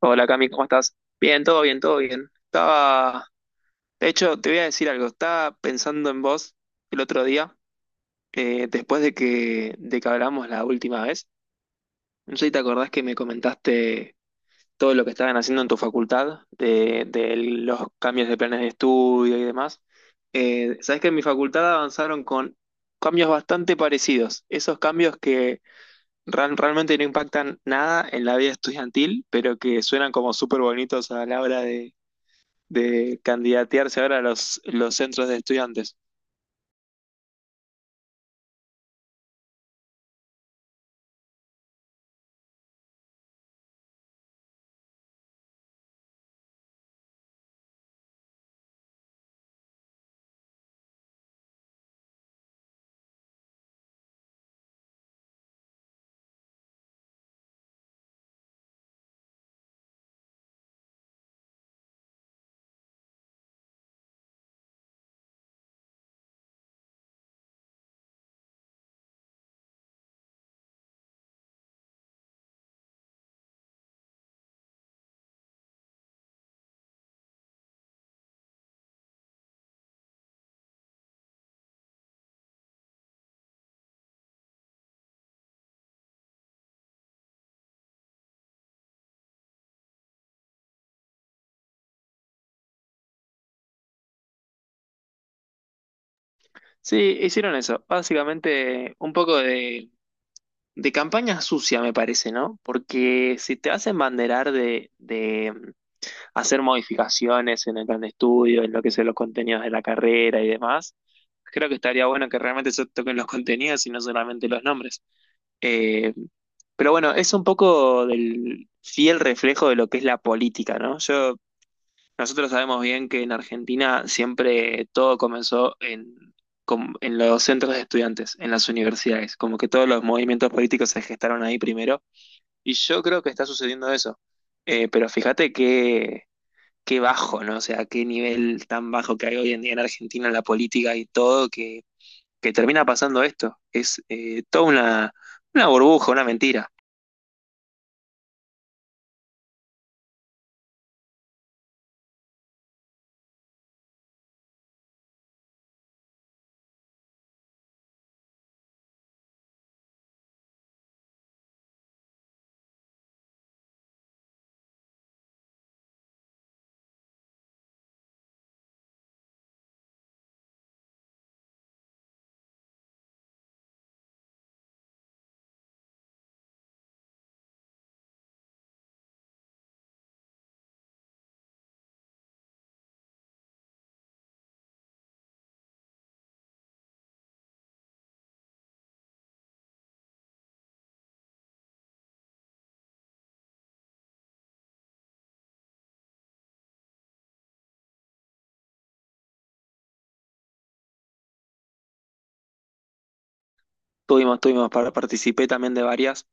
Hola Cami, ¿cómo estás? Bien, todo bien, todo bien. Estaba, de hecho, te voy a decir algo, estaba pensando en vos el otro día, después de que hablamos la última vez. No sé si te acordás que me comentaste todo lo que estaban haciendo en tu facultad, de los cambios de planes de estudio y demás. Sabés que en mi facultad avanzaron con cambios bastante parecidos, esos cambios que realmente no impactan nada en la vida estudiantil, pero que suenan como súper bonitos a la hora de candidatearse ahora a los centros de estudiantes. Sí, hicieron eso. Básicamente un poco de campaña sucia, me parece, ¿no? Porque si te hacen banderar de hacer modificaciones en el plan de estudio, en lo que son los contenidos de la carrera y demás, creo que estaría bueno que realmente se toquen los contenidos y no solamente los nombres. Eh, pero bueno, es un poco del fiel reflejo de lo que es la política, ¿no? Yo Nosotros sabemos bien que en Argentina siempre todo comenzó en en los centros de estudiantes, en las universidades, como que todos los movimientos políticos se gestaron ahí primero, y yo creo que está sucediendo eso. Pero fíjate qué bajo, ¿no? O sea, qué nivel tan bajo que hay hoy en día en Argentina en la política y todo, que termina pasando esto. Es toda una burbuja, una mentira. Tuvimos, tuvimos, participé también de varias.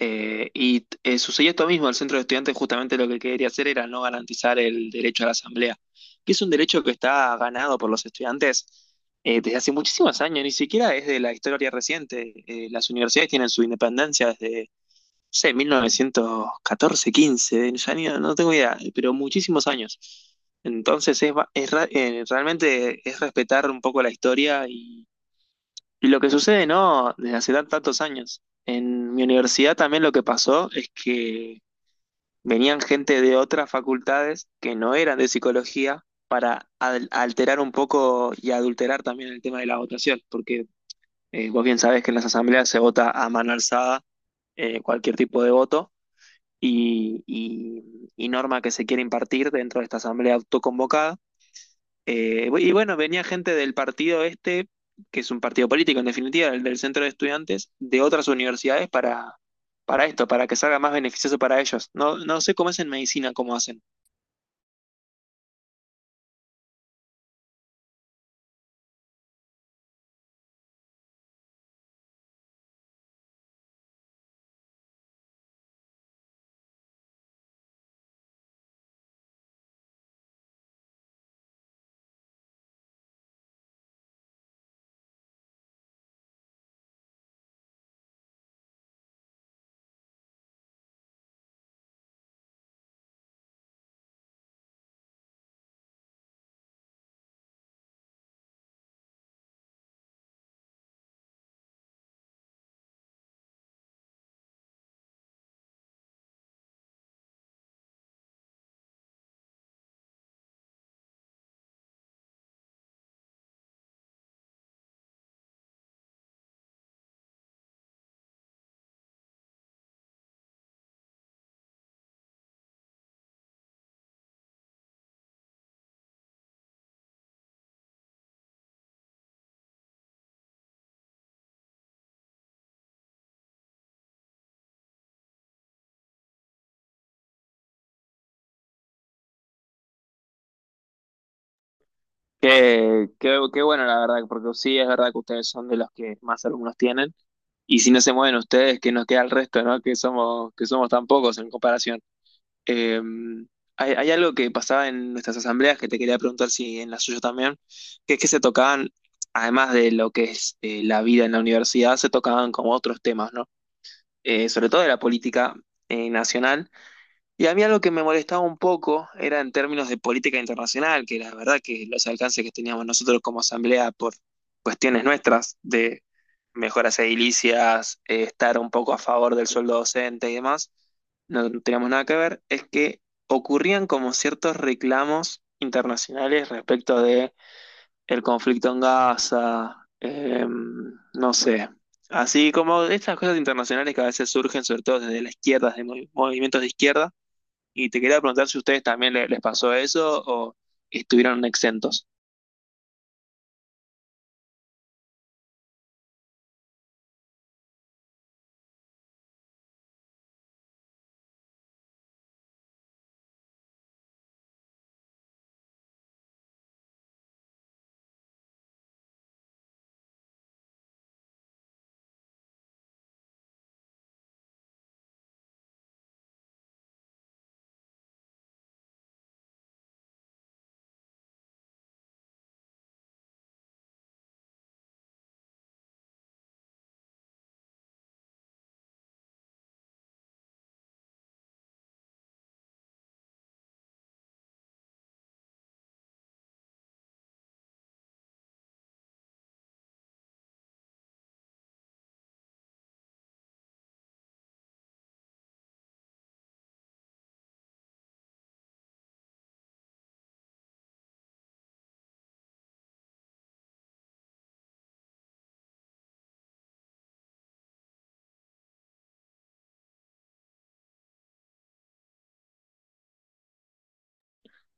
Sucedió esto mismo, el centro de estudiantes justamente lo que quería hacer era no garantizar el derecho a la asamblea, que es un derecho que está ganado por los estudiantes desde hace muchísimos años, ni siquiera es de la historia reciente. Las universidades tienen su independencia desde, no sé, 1914, 15, ya no tengo idea, pero muchísimos años. Entonces es, ba- es ra- realmente es respetar un poco la historia y lo que sucede, ¿no? Desde hace tantos años. En mi universidad también lo que pasó es que venían gente de otras facultades que no eran de psicología para alterar un poco y adulterar también el tema de la votación, porque vos bien sabés que en las asambleas se vota a mano alzada, cualquier tipo de voto y, y y norma que se quiere impartir dentro de esta asamblea autoconvocada. Y bueno, venía gente del partido este, que es un partido político en definitiva, el del centro de estudiantes, de otras universidades para esto, para que salga más beneficioso para ellos. No, no sé cómo es en medicina, cómo hacen. Qué bueno, la verdad, porque sí es verdad que ustedes son de los que más alumnos tienen. Y si no se mueven ustedes, que nos queda el resto, ¿no? Que somos tan pocos en comparación. Eh, hay algo que pasaba en nuestras asambleas que te quería preguntar si en la suya también, que es que se tocaban, además de lo que es la vida en la universidad, se tocaban como otros temas, ¿no? Sobre todo de la política nacional. Y a mí algo que me molestaba un poco era en términos de política internacional, que la verdad que los alcances que teníamos nosotros como asamblea por cuestiones nuestras de mejoras edilicias, estar un poco a favor del sueldo docente y demás, no teníamos nada que ver, es que ocurrían como ciertos reclamos internacionales respecto de el conflicto en Gaza, no sé, así como estas cosas internacionales que a veces surgen sobre todo desde la izquierda, de movimientos de izquierda, y te quería preguntar si a ustedes también les pasó eso o estuvieron exentos.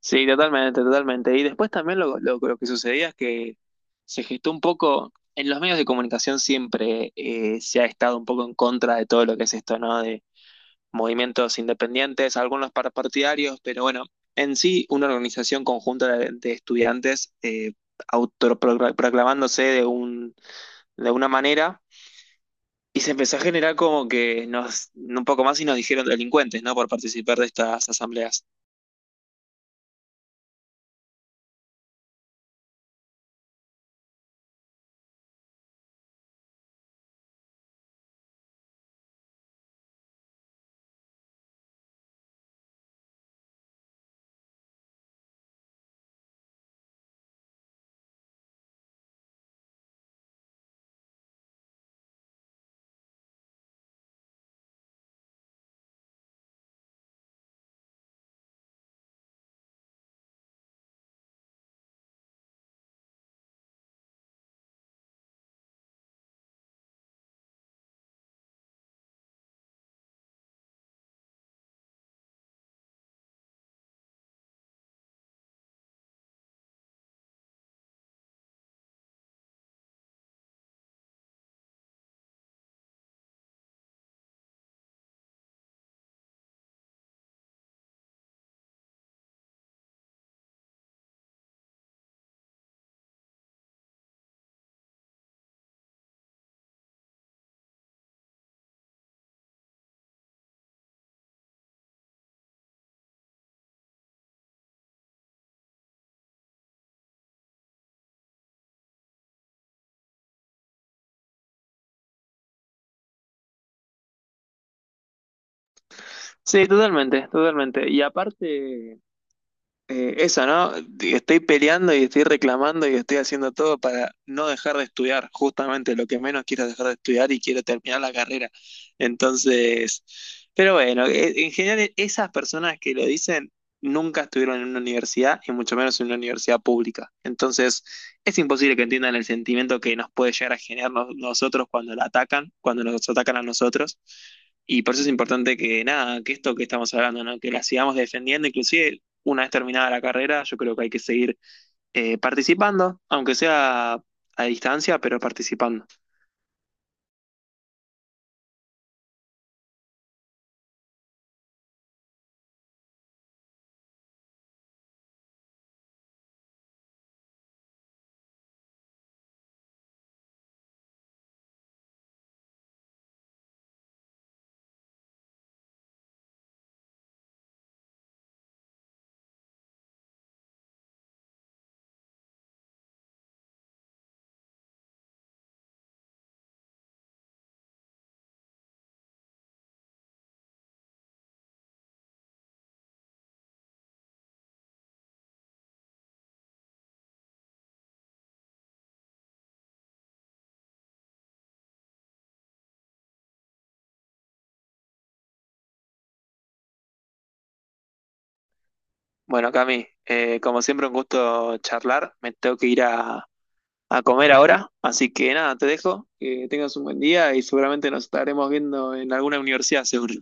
Sí, totalmente, totalmente. Y después también lo que sucedía es que se gestó un poco, en los medios de comunicación siempre se ha estado un poco en contra de todo lo que es esto, ¿no? De movimientos independientes, algunos partidarios, pero bueno, en sí una organización conjunta de estudiantes, autoproclamándose de una manera. Y se empezó a generar como que nos, un poco más y nos dijeron delincuentes, ¿no? Por participar de estas asambleas. Sí, totalmente, totalmente. Y aparte, eso, ¿no? Estoy peleando y estoy reclamando y estoy haciendo todo para no dejar de estudiar, justamente lo que menos quiero es dejar de estudiar y quiero terminar la carrera. Entonces, pero bueno, en general esas personas que lo dicen nunca estuvieron en una universidad y mucho menos en una universidad pública. Entonces, es imposible que entiendan el sentimiento que nos puede llegar a generar nosotros cuando la atacan, cuando nos atacan a nosotros. Y por eso es importante que nada, que esto que estamos hablando, ¿no? Que la sigamos defendiendo, inclusive una vez terminada la carrera, yo creo que hay que seguir participando, aunque sea a distancia, pero participando. Bueno, Cami, como siempre un gusto charlar, me tengo que ir a comer ahora, así que nada, te dejo, que tengas un buen día y seguramente nos estaremos viendo en alguna universidad, seguro.